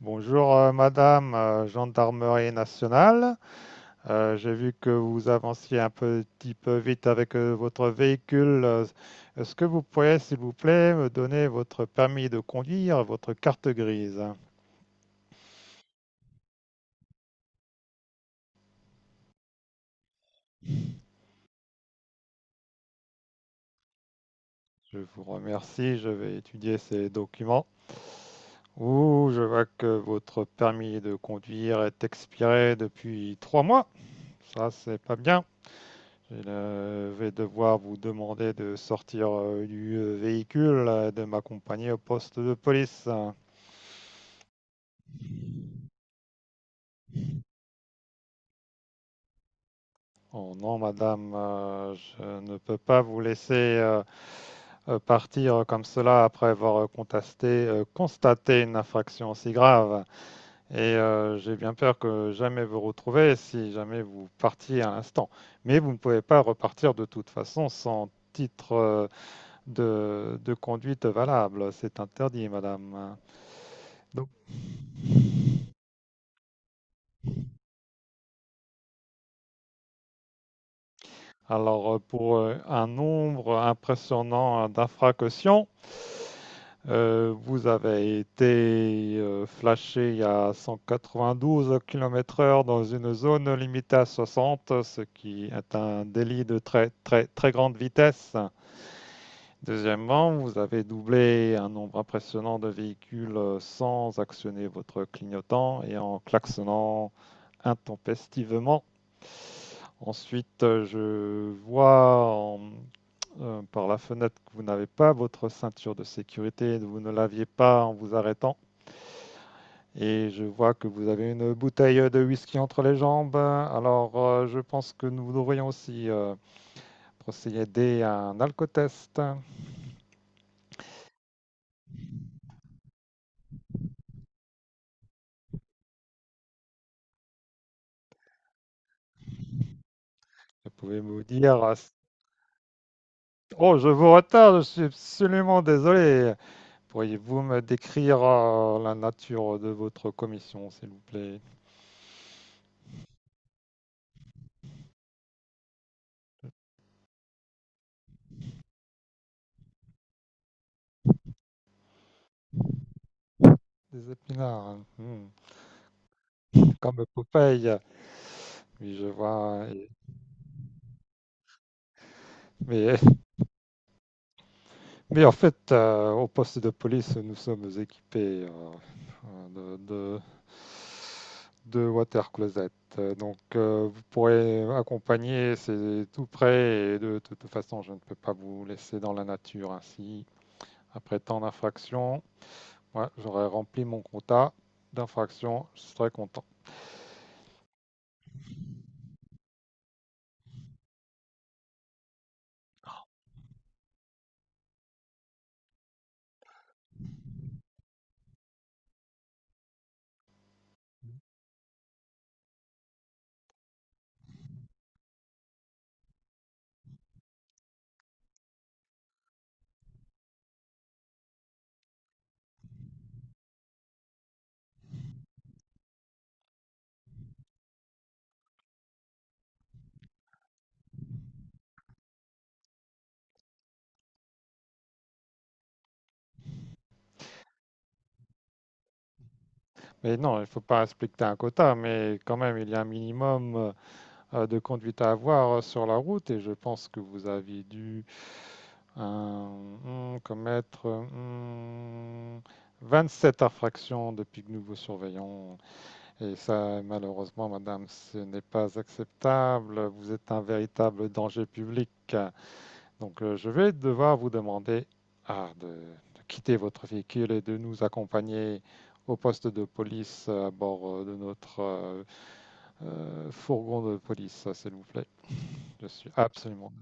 Bonjour Madame, Gendarmerie nationale. J'ai vu que vous avanciez un petit peu vite avec votre véhicule. Est-ce que vous pourriez, s'il vous plaît, me donner votre permis de conduire, votre carte grise? Je vous remercie, je vais étudier ces documents. Ouh, je vois que votre permis de conduire est expiré depuis 3 mois. Ça, c'est pas bien. Je ne vais devoir vous demander de sortir du véhicule, de m'accompagner au poste de police. Oh non, madame, je ne peux pas vous laisser partir comme cela après avoir contesté, constaté une infraction aussi grave. Et j'ai bien peur que jamais vous retrouviez si jamais vous partiez à l'instant. Mais vous ne pouvez pas repartir de toute façon sans titre de conduite valable. C'est interdit, madame. Donc Alors, pour un nombre impressionnant d'infractions, vous avez été flashé à 192 km/h dans une zone limitée à 60, ce qui est un délit de très très très grande vitesse. Deuxièmement, vous avez doublé un nombre impressionnant de véhicules sans actionner votre clignotant et en klaxonnant intempestivement. Ensuite, je vois en par la fenêtre que vous n'avez pas votre ceinture de sécurité, vous ne l'aviez pas en vous arrêtant. Et je vois que vous avez une bouteille de whisky entre les jambes. Alors, je pense que nous devrions aussi procéder à un alcotest. Vous pouvez me dire... Oh, je vous retarde, je suis absolument désolé. Pourriez-vous me décrire la nature de votre commission, s'il vous plaît? Des épinards, hmm. Comme Popeye. Oui, je vois. Et- Mais Mais en fait, au poste de police, nous sommes équipés de water closet. Donc, vous pourrez accompagner, c'est tout près. Et de toute façon, je ne peux pas vous laisser dans la nature ainsi. Après tant d'infractions, ouais, j'aurais rempli mon quota d'infractions, je serais content. Mais non, il ne faut pas respecter un quota, mais quand même, il y a un minimum de conduite à avoir sur la route et je pense que vous avez dû euh, commettre 27 infractions depuis que nous vous surveillons. Et ça, malheureusement, madame, ce n'est pas acceptable. Vous êtes un véritable danger public. Donc, je vais devoir vous demander de quitter votre véhicule et de nous accompagner au poste de police à bord de notre fourgon de police, s'il vous plaît. Je suis absolument.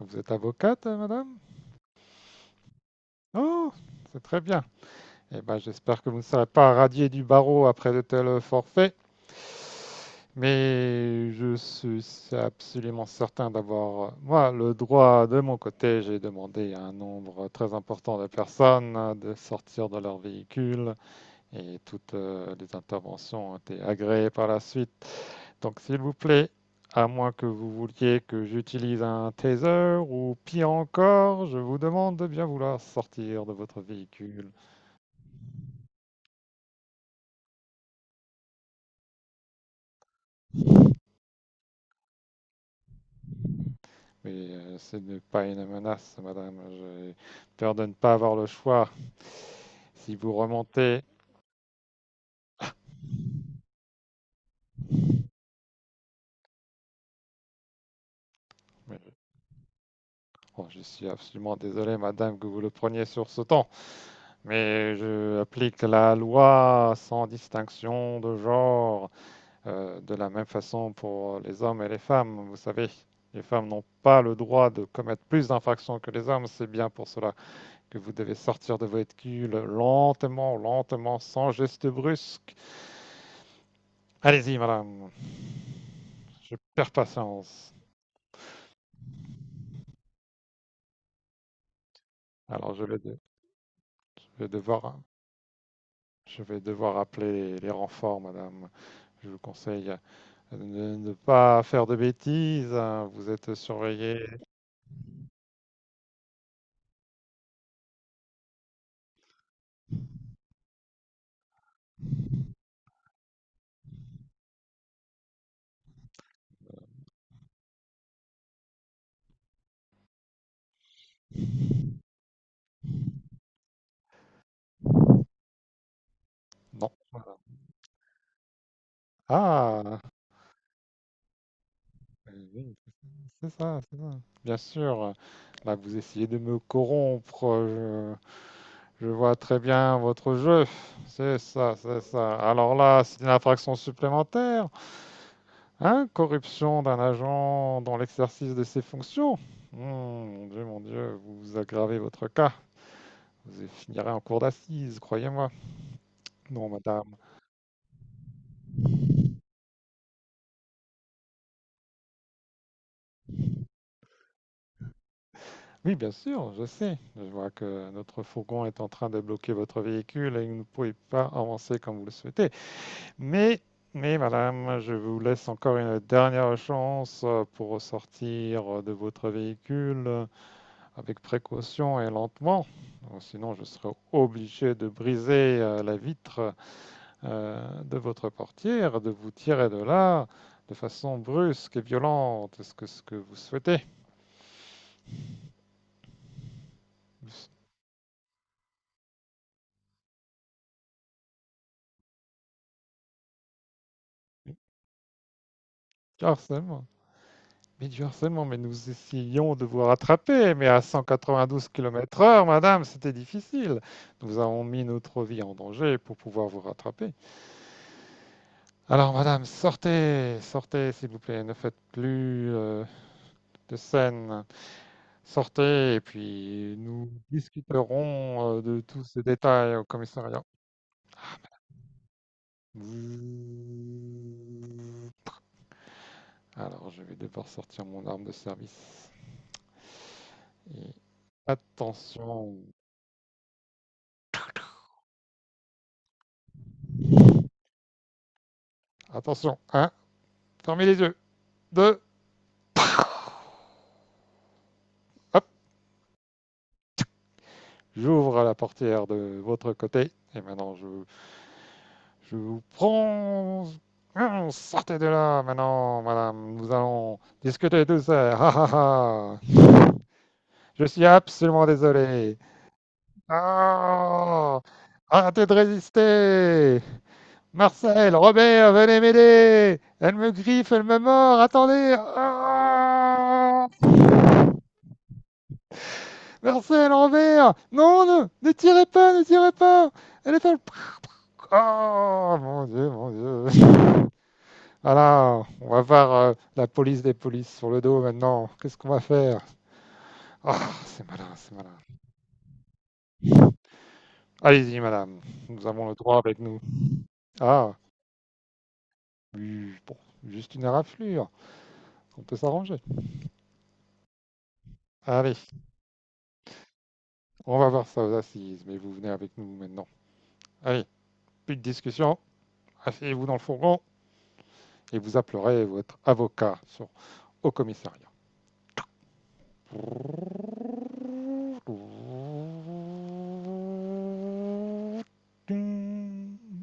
Vous êtes avocate, madame? Oh, c'est très bien. Eh ben, j'espère que vous ne serez pas radié du barreau après de tels forfaits. Mais je suis absolument certain d'avoir, moi, le droit de mon côté. J'ai demandé à un nombre très important de personnes de sortir de leur véhicule et toutes les interventions ont été agréées par la suite. Donc, s'il vous plaît, à moins que vous vouliez que j'utilise un taser ou pire encore, je vous demande de bien vouloir sortir de votre véhicule. Oui, ce n'est pas une menace, madame. J'ai peur de ne pas avoir le choix. Si vous remontez... Mais- oh, je suis absolument désolé, madame, que vous le preniez sur ce temps. Mais je applique la loi sans distinction de genre, de la même façon pour les hommes et les femmes, vous savez. Les femmes n'ont pas le droit de commettre plus d'infractions que les hommes. C'est bien pour cela que vous devez sortir de votre cul lentement, lentement, sans geste brusque. Allez-y, madame. Je perds patience. Alors, je vais, de- je vais devoir, je vais devoir appeler les renforts, madame. Je vous conseille de ne pas faire de bêtises, hein. Vous êtes surveillée. Non. Voilà. Ah, oui, c'est ça, c'est ça. Bien sûr. Là, vous essayez de me corrompre. Je, je vois très bien votre jeu. C'est ça, c'est ça. Alors là, c'est une infraction supplémentaire. Hein, corruption d'un agent dans l'exercice de ses fonctions. Hmm, mon Dieu, vous vous aggravez votre cas. Vous y finirez en cour d'assises, croyez-moi. Non, madame. Oui, bien sûr, je sais. Je vois que notre fourgon est en train de bloquer votre véhicule et que vous ne pouvez pas avancer comme vous le souhaitez. Mais, mais, madame, je vous laisse encore une dernière chance pour sortir de votre véhicule, avec précaution et lentement, sinon je serais obligé de briser la vitre de votre portière, de vous tirer de là de façon brusque et violente. Est-ce que ce que vous souhaitez? Du harcèlement. Mais du harcèlement, mais nous essayions de vous rattraper, mais à 192 km/h, madame, c'était difficile. Nous avons mis notre vie en danger pour pouvoir vous rattraper. Alors, madame, sortez, sortez, s'il vous plaît, ne faites plus de scène. Sortez et puis nous discuterons de tous ces détails au commissariat. Alors, je vais devoir sortir mon arme de service. Et attention, attention. Un, fermez les yeux. Deux, hop, j'ouvre la portière de votre côté. Et maintenant, je vous prends. Sortez de là maintenant, madame. Nous allons discuter de tout ça. Ah, ah, ah. Je suis absolument désolé. Non. Arrêtez de résister. Marcel, Robert, venez m'aider. Elle me griffe, elle me mord, attendez. Ah, Marcel, Robert. Non, ne tirez pas, ne tirez pas. Elle est folle. Oh mon dieu, mon dieu. Voilà, on va voir la police des polices sur le dos maintenant. Qu'est-ce qu'on va faire? Ah, c'est malin, c'est malin. Allez-y, madame, nous avons le droit avec nous. Ah, oui, bon, juste une raflure, on peut s'arranger. Allez, on va voir ça aux assises, mais vous venez avec nous maintenant. Allez, plus de discussion, asseyez-vous dans le fourgon et vous appellerez votre avocat sur- au commissariat. Ding.